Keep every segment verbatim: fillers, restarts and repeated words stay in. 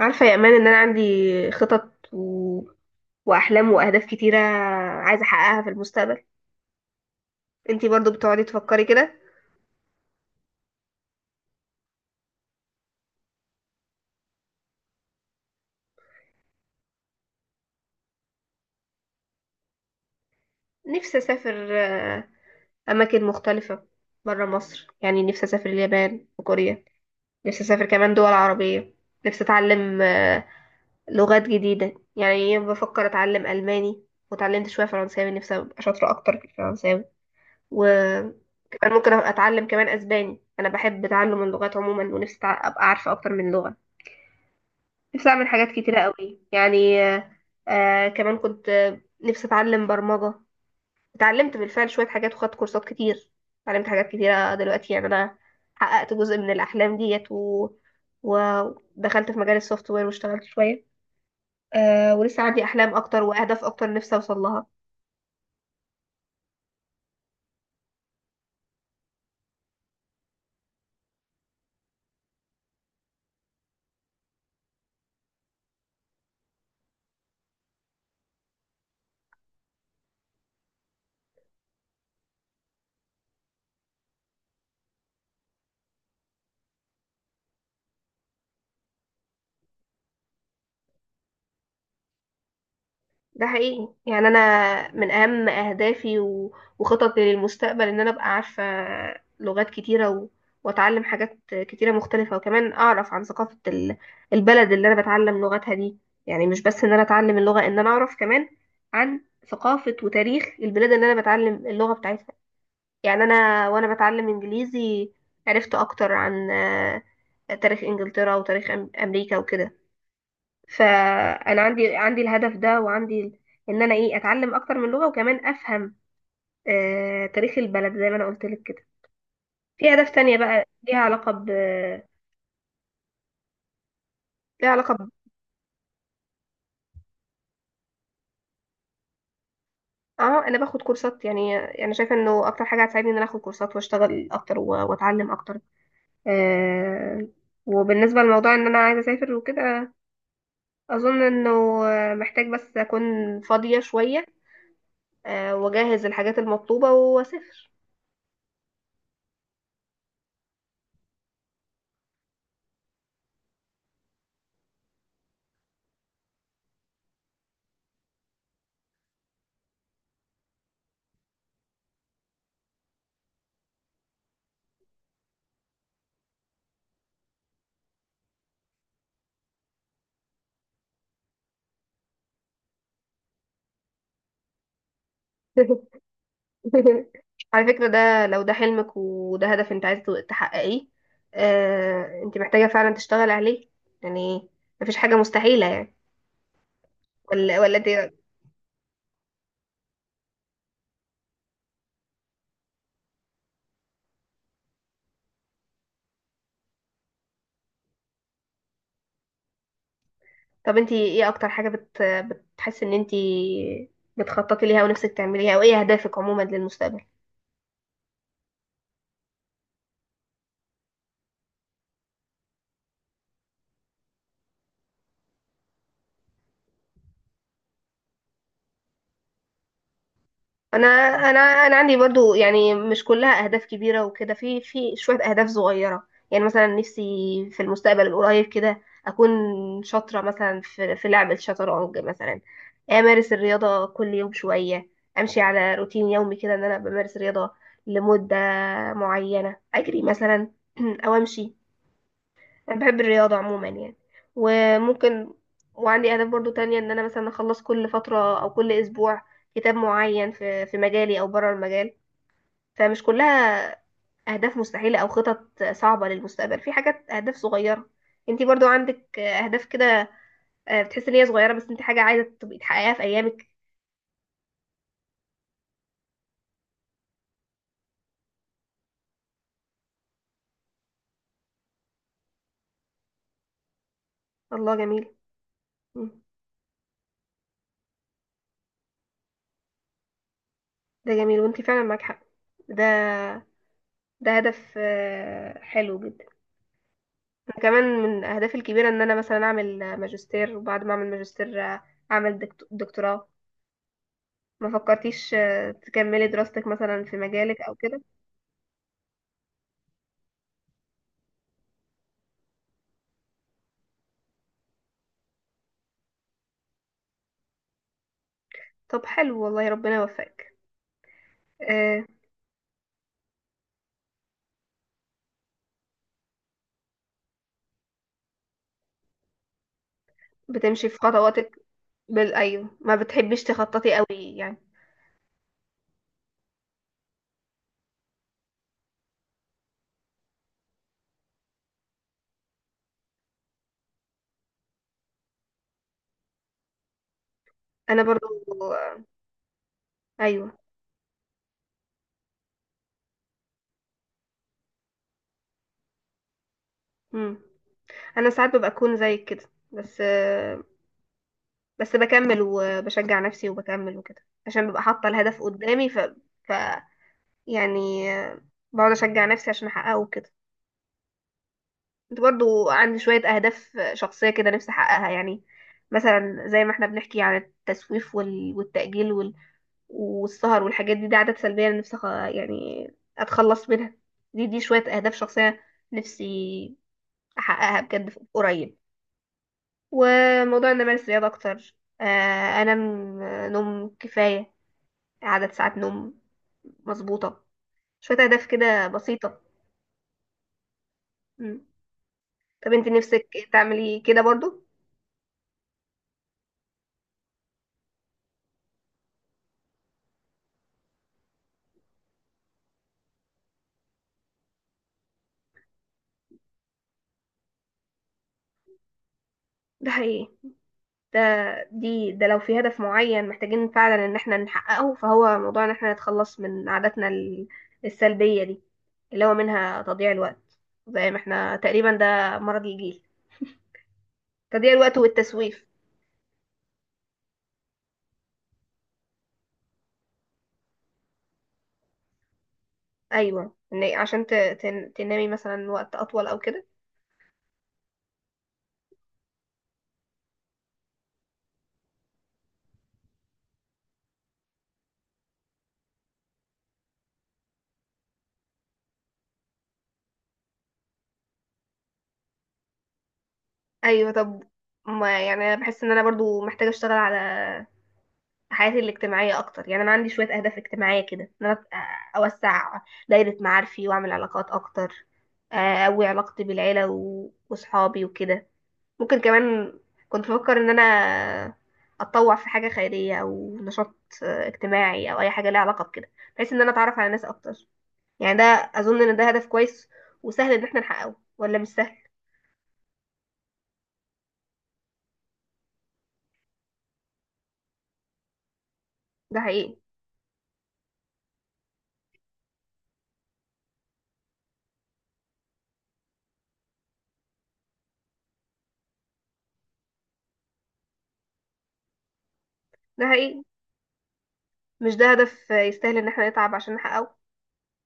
عارفة يا امان ان انا عندي خطط و... واحلام واهداف كتيرة عايزة احققها في المستقبل. انتي برضو بتقعدي تفكري كده؟ نفسي اسافر آه، اماكن مختلفة برا مصر. يعني نفسي اسافر اليابان وكوريا، نفسي اسافر كمان دول عربية. نفسي اتعلم آه، لغات جديدة، يعني بفكر اتعلم الماني، وتعلمت شوية فرنساوي نفسي ابقى شاطرة اكتر في الفرنساوي، وكمان ممكن اتعلم كمان اسباني. انا بحب تعلم اللغات عموما ونفسي أتع- ابقى عارفة اكتر من لغة. نفسي اعمل حاجات كتيرة قوي يعني آه آه، كمان كنت آه، نفسي اتعلم برمجة. اتعلمت بالفعل شوية حاجات وخدت كورسات كتير، اتعلمت حاجات كتيرة دلوقتي. يعني انا حققت جزء من الاحلام ديت و... ودخلت في مجال السوفت وير واشتغلت شوية. أه ولسه عندي احلام اكتر واهداف اكتر نفسي اوصل لها. ده حقيقي، يعني انا من اهم اهدافي و- وخططي للمستقبل ان انا ابقى عارفه لغات كتيره و... واتعلم حاجات كتيره مختلفه، وكمان اعرف عن ثقافه ال- البلد اللي انا بتعلم لغتها دي. يعني مش بس ان انا اتعلم اللغه، ان انا اعرف كمان عن ثقافه وتاريخ البلاد اللي انا بتعلم اللغه بتاعتها. يعني انا وانا بتعلم انجليزي عرفت اكتر عن آه، تاريخ انجلترا وتاريخ أم- امريكا وكده. فانا عندي عندي الهدف ده وعندي ال- ان انا ايه اتعلم اكتر من لغه، وكمان افهم آه تاريخ البلد زي ما انا قلت لك كده. في اهداف تانية بقى ليها علاقه ب ليها علاقه ب... اه انا باخد كورسات. يعني انا شايفه انه اكتر حاجه هتساعدني ان انا اخد كورسات واشتغل اكتر و... واتعلم اكتر. آه وبالنسبه لموضوع ان انا عايزه اسافر وكده، اظن انه محتاج بس اكون فاضيه شويه، آه واجهز الحاجات المطلوبه واسافر. على فكرة، ده لو ده حلمك وده هدف انت عايزة تحققيه، آه، انت محتاجة فعلا تشتغل عليه. يعني مفيش حاجة مستحيلة يعني. ولا ولا انت؟ طب انت ايه اكتر حاجة بت... بتحس ان انت بتخططي ليها ونفسك تعمليها، او ايه اهدافك عموما للمستقبل؟ انا انا انا عندي برضو، يعني مش كلها اهداف كبيره وكده، في في شويه اهداف صغيره. يعني مثلا نفسي في المستقبل القريب كده اكون شاطره مثلا في في لعب الشطرنج مثلا، امارس الرياضه كل يوم شويه، امشي على روتين يومي كده ان انا بمارس رياضه لمده معينه، اجري مثلا او امشي. انا بحب الرياضة عموما يعني. وممكن، وعندي اهداف برضو تانية ان انا مثلا اخلص كل فترة او كل اسبوع كتاب معين في في مجالي او بره المجال. فمش كلها اهداف مستحيلة او خطط صعبة للمستقبل، في حاجات اهداف صغيرة. انتي برضو عندك اهداف كده، آه، بتحسي ان هي صغيرة بس انت حاجة عايزة تبقي تحققيها في ايامك؟ الله جميل. مم. ده جميل وانتي فعلا معاك حق. ده ده هدف آه، حلو جدا. كمان من اهدافي الكبيره ان انا مثلا اعمل ماجستير، وبعد ما اعمل ماجستير اعمل دكت- دكتوراه. ما فكرتيش آه، تكملي دراستك مثلا في مجالك او كده؟ طب حلو والله، ربنا يوفقك. آه، بتمشي في خطواتك، بال ايوه ما بتحبيش تخططي قوي يعني. انا برضو. ايوه. مم. انا ساعات ببقى اكون زيك كده، بس آه، بس بكمل وبشجع نفسي وبكمل وكده عشان ببقى حاطه الهدف قدامي، ف, ف... يعني آه، بقعد اشجع نفسي عشان احققه كده. كنت برضو عندي شوية أهداف شخصية كده نفسي أحققها. يعني مثلا زي ما احنا بنحكي عن التسويف وال- والتأجيل وال- والسهر والحاجات دي، دي عادات سلبية أنا نفسي أخ- يعني أتخلص منها. دي دي شوية أهداف شخصية نفسي أحققها بجد في- قريب، وموضوع إن أمارس رياضة أكتر، آه، أنام آه، نوم كفاية، عدد ساعات نوم مظبوطة. شوية أهداف كده بسيطة. مم. طب انت نفسك تعملي كده برضو؟ ده حقيقي. ده دي ده لو في هدف معين محتاجين فعلا ان احنا نحققه، فهو موضوع ان احنا نتخلص من عاداتنا ال- السلبية دي، اللي هو منها تضييع الوقت. زي ما احنا تقريبا ده مرض الجيل، تضييع الوقت والتسويف. ايوه إن عشان ت- تن- تنامي مثلا وقت اطول او كده. ايوه، طب ما يعني انا بحس ان انا برضو محتاجة اشتغل على حياتي الاجتماعية أكتر. يعني أنا عندي شوية أهداف اجتماعية كده، إن أنا أ- أوسع دايرة معارفي وأعمل علاقات أكتر، آه، أقوي علاقتي بالعيلة و- وصحابي وكده. ممكن كمان كنت بفكر إن أنا أتطوع في حاجة خيرية أو نشاط آه، اجتماعي، أو أي حاجة ليها علاقة بكده، بحيث إن أنا أتعرف على ناس أكتر. يعني ده، أظن إن ده هدف كويس. وسهل إن احنا نحققه ولا مش سهل؟ ده حقيقي. ده حقيقي، مش ده هدف آه، يستاهل إن احنا نتعب عشان نحققه؟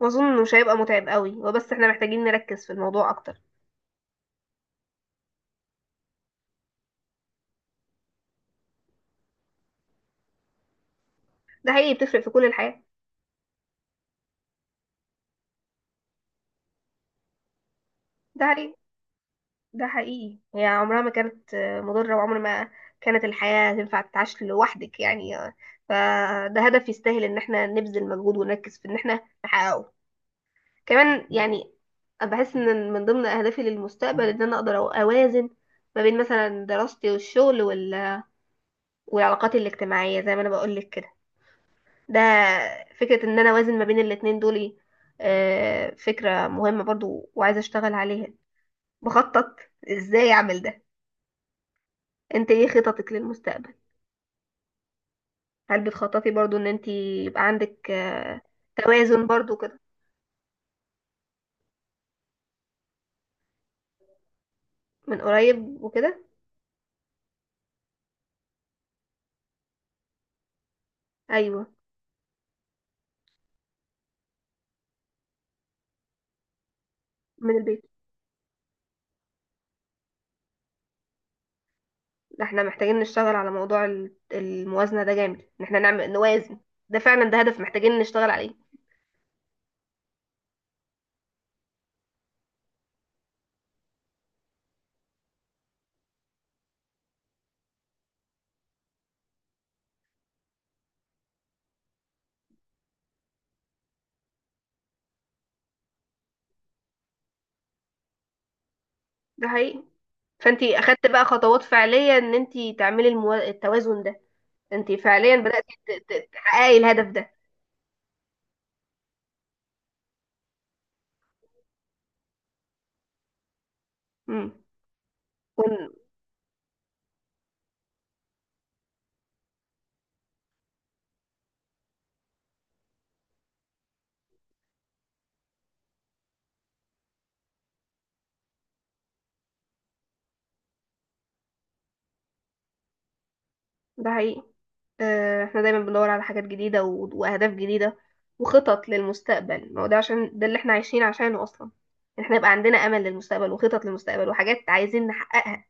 ما اظن مش هيبقى متعب قوي هو، بس احنا محتاجين نركز في الموضوع اكتر. ده حقيقي، بتفرق في كل الحياة. ده حقيقي، ده حقيقي. هي عمرها ما كانت آه، مضرة، وعمر ما كانت الحياة تنفع تتعاش لوحدك يعني، آه، فده هدف يستاهل ان احنا نبذل مجهود ونركز في ان احنا نحققه. كمان يعني أنا بحس ان من ضمن اهدافي للمستقبل ان انا اقدر أو- اوازن ما بين مثلا دراستي والشغل وال- والعلاقات الاجتماعية زي ما انا بقول لك كده. ده فكرة ان انا اوازن ما بين الاتنين دول إيه؟ آه، فكرة مهمة برضو وعايزة اشتغل عليها. بخطط ازاي اعمل ده. انت ايه خططك للمستقبل؟ هل بتخططي برضو ان انت يبقى عندك آه، توازن برضو كده من قريب وكده؟ ايوه من البيت. ده احنا محتاجين نشتغل على موضوع ال- الموازنة ده جامد، ان احنا نعمل نوازن. ده فعلا ده هدف محتاجين نشتغل عليه. ده حقيقي. فانت اخدت بقى خطوات فعلية ان انت تعملي الموا... التوازن ده. انت فعليا بدأتي ت- ت- تحققي الهدف ده. امم، ون- ده حقيقي. آه، احنا دايما بندور على حاجات جديدة و- وأهداف جديدة وخطط للمستقبل. ما هو ده عشان ده اللي احنا عايشين عشانه أصلا، إن احنا يبقى عندنا أمل للمستقبل وخطط للمستقبل وحاجات عايزين نحققها.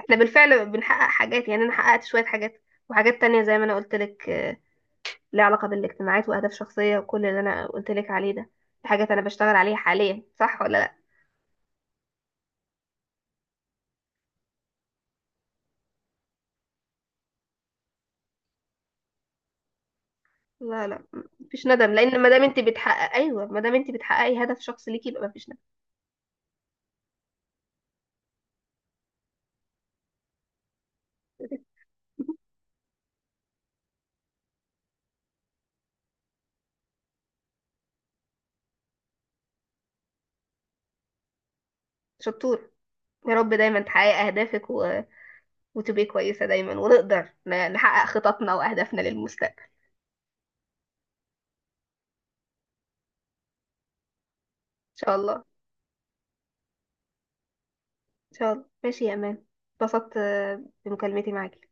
احنا بالفعل بنحقق حاجات، يعني أنا حققت شوية حاجات، وحاجات تانية زي ما أنا قلت لك آه، ليها علاقة بالاجتماعات وأهداف شخصية وكل اللي أنا قلت لك عليه ده. دي حاجات أنا بشتغل عليها حاليا، صح ولا؟ لا لا، مفيش ندم لان ما دام انت بتحقق، ايوه ما دام انت بتحققي هدف شخص ليكي يبقى مفيش ندم. شطور. يا رب دايما تحققي اهدافك و... وتبقي كويسه دايما، ونقدر ن- نحقق خططنا واهدافنا للمستقبل. ان شاء الله، ان شاء الله. ماشي يا امان، اتبسطت آه، بمكالمتي معاكي.